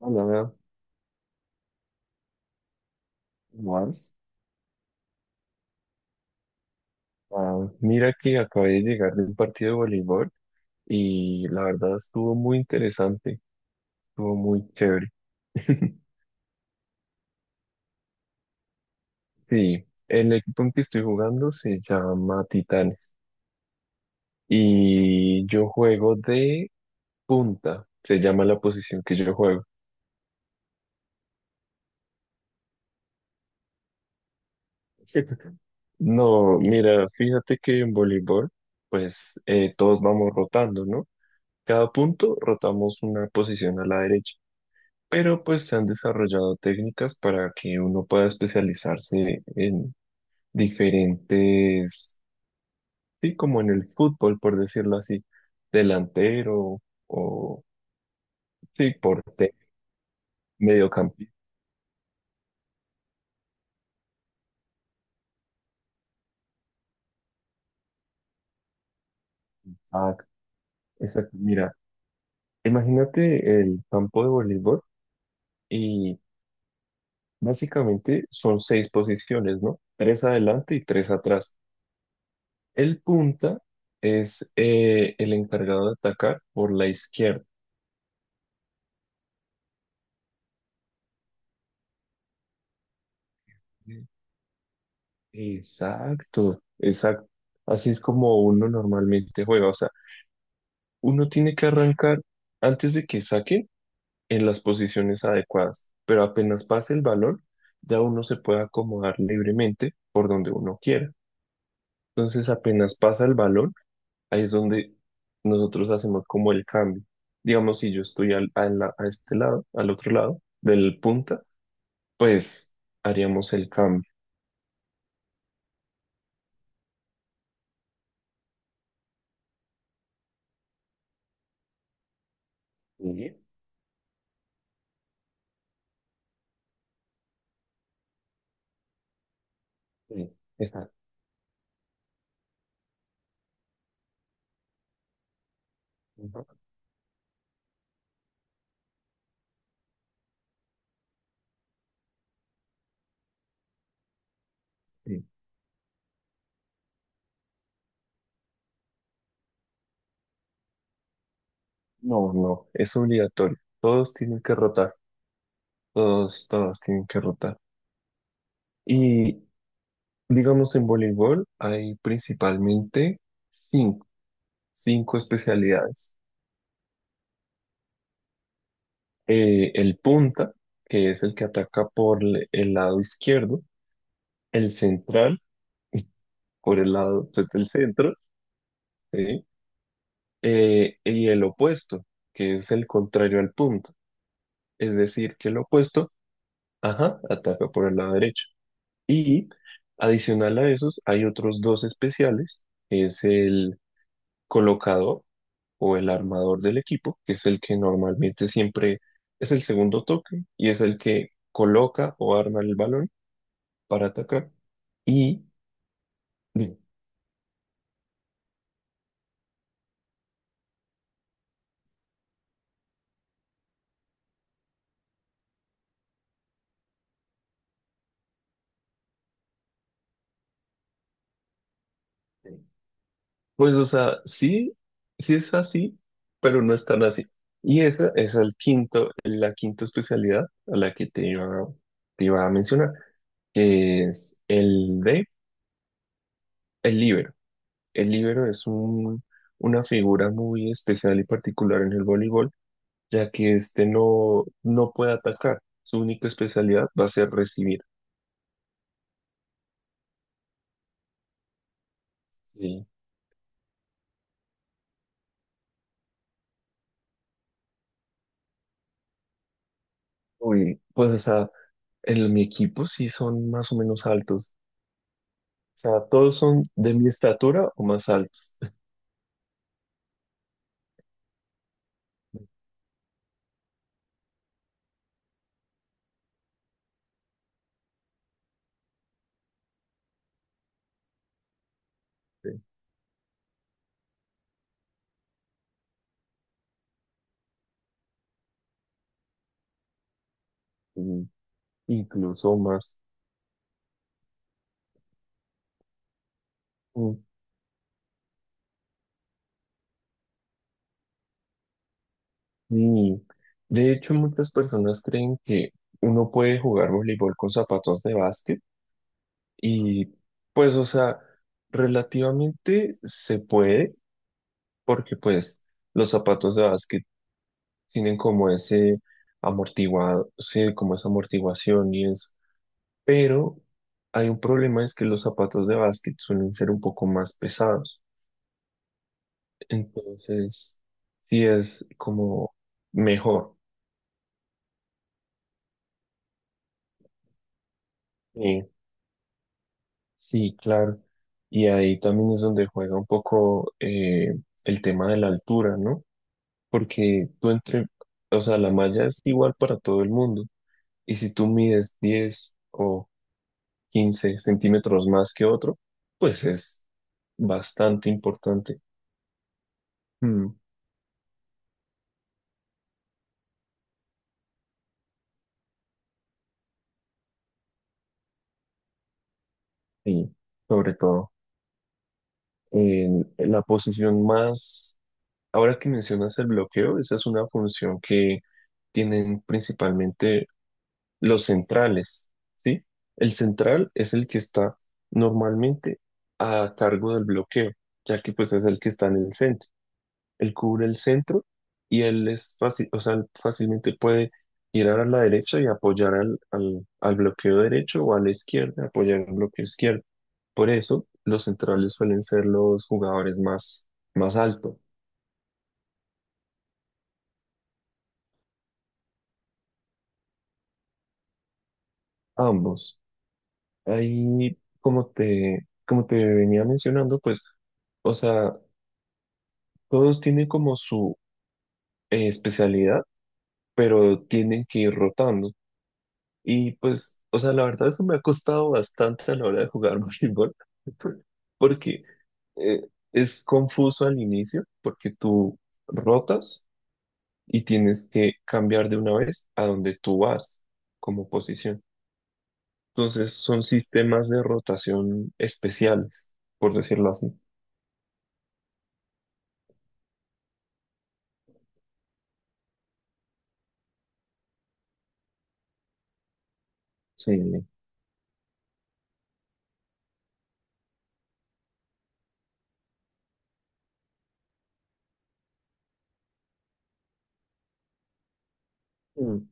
Hola, más. Ah, mira que acabé de llegar de un partido de voleibol y la verdad estuvo muy interesante, estuvo muy chévere. Sí, el equipo en que estoy jugando se llama Titanes y yo juego de punta, se llama la posición que yo juego. No, mira, fíjate que en voleibol, pues todos vamos rotando, ¿no? Cada punto rotamos una posición a la derecha. Pero pues se han desarrollado técnicas para que uno pueda especializarse en diferentes, sí, como en el fútbol, por decirlo así, delantero o, sí, portero, mediocampista. Ah, exacto, mira, imagínate el campo de voleibol y básicamente son seis posiciones, ¿no? Tres adelante y tres atrás. El punta es el encargado de atacar por la izquierda. Exacto, exacto. Así es como uno normalmente juega. O sea, uno tiene que arrancar antes de que saquen en las posiciones adecuadas, pero apenas pase el balón, ya uno se puede acomodar libremente por donde uno quiera. Entonces, apenas pasa el balón, ahí es donde nosotros hacemos como el cambio. Digamos, si yo estoy a este lado, al otro lado del punta, pues haríamos el cambio. Sí, sí, exacto. No, no, es obligatorio. Todos tienen que rotar. Todos, todos tienen que rotar. Y digamos en voleibol hay principalmente cinco, cinco especialidades. El punta, que es el que ataca por el lado izquierdo, el central, por el lado pues, del centro, ¿sí? Y el opuesto, que es el contrario al punta. Es decir, que el opuesto, ajá, ataca por el lado derecho. Y adicional a esos, hay otros dos especiales, que es el colocador o el armador del equipo, que es el que normalmente siempre es el segundo toque y es el que coloca o arma el balón para atacar. Y pues, o sea, sí, sí es así, pero no es tan así. Y esa es el quinto, la quinta especialidad a la que te iba a mencionar, que es el de el líbero. El líbero es una figura muy especial y particular en el voleibol, ya que este no, no puede atacar. Su única especialidad va a ser recibir. Sí. Uy, pues, o sea, en mi equipo sí son más o menos altos. O sea, todos son de mi estatura o más altos. Sí, sí, incluso más. Mm, Y de hecho, muchas personas creen que uno puede jugar voleibol con zapatos de básquet. Y pues, o sea, relativamente se puede, porque pues los zapatos de básquet tienen como ese amortiguado, sí, como esa amortiguación y eso. Pero hay un problema, es que los zapatos de básquet suelen ser un poco más pesados. Entonces, sí es como mejor. Sí, sí, claro. Y ahí también es donde juega un poco el tema de la altura, ¿no? Porque tú entre, o sea, la malla es igual para todo el mundo. Y si tú mides 10 o 15 centímetros más que otro, pues es bastante importante. Mm, Y sobre todo, en la posición más... Ahora que mencionas el bloqueo, esa es una función que tienen principalmente los centrales, ¿sí? El central es el que está normalmente a cargo del bloqueo, ya que pues es el que está en el centro. Él cubre el centro y él es fácil, o sea, él fácilmente puede girar a la derecha y apoyar al bloqueo derecho o a la izquierda, apoyar al bloqueo izquierdo. Por eso, los centrales suelen ser los jugadores más altos, ambos. Ahí, como te venía mencionando, pues, o sea, todos tienen como su especialidad, pero tienen que ir rotando. Y pues, o sea, la verdad eso me ha costado bastante a la hora de jugar voleibol, porque eh, es confuso al inicio, porque tú rotas y tienes que cambiar de una vez a donde tú vas como posición. Entonces son sistemas de rotación especiales, por decirlo así. Sí. Mm,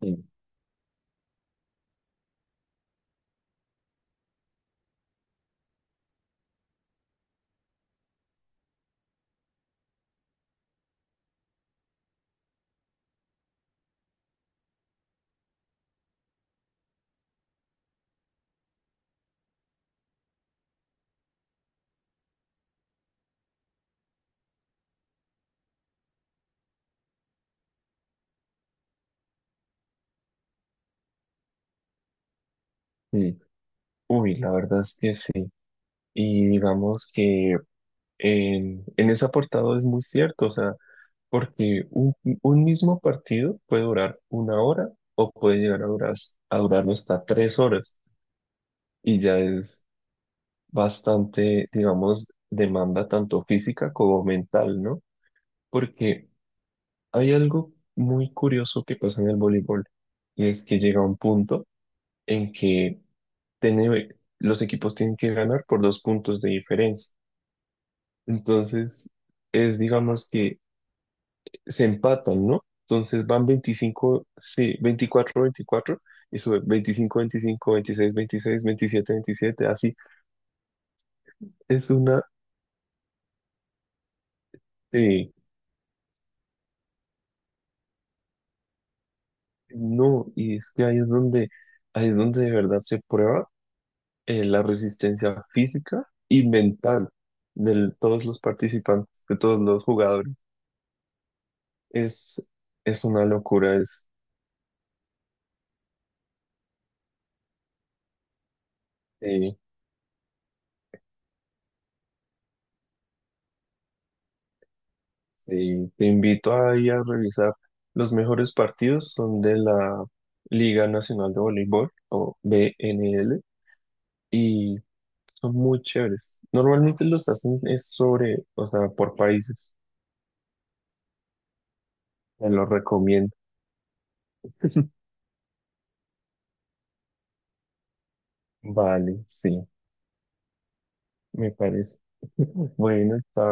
sí, sí. Uy, la verdad es que sí. Y digamos que en ese apartado es muy cierto, o sea, porque un mismo partido puede durar una hora o puede llegar a durar, hasta 3 horas y ya es bastante, digamos, demanda tanto física como mental, ¿no? Porque hay algo muy curioso que pasa en el voleibol y es que llega un punto en que tiene- los equipos tienen que ganar por dos puntos de diferencia. Entonces, es, digamos que se empatan, ¿no? Entonces van 25, sí, 24, 24 y sube 25, 25, 26, 26, 27, 27, así. Es una, eh, no, y es que ahí es donde de verdad se prueba la resistencia física y mental de todos los participantes, de todos los jugadores. Es, es una locura, es, eh, sí, te invito ahí a revisar. Los mejores partidos son de la Liga Nacional de Voleibol o BNL y son muy chéveres. Normalmente los hacen es sobre, o sea, por países. Te los recomiendo. Vale, sí, me parece. Bueno, está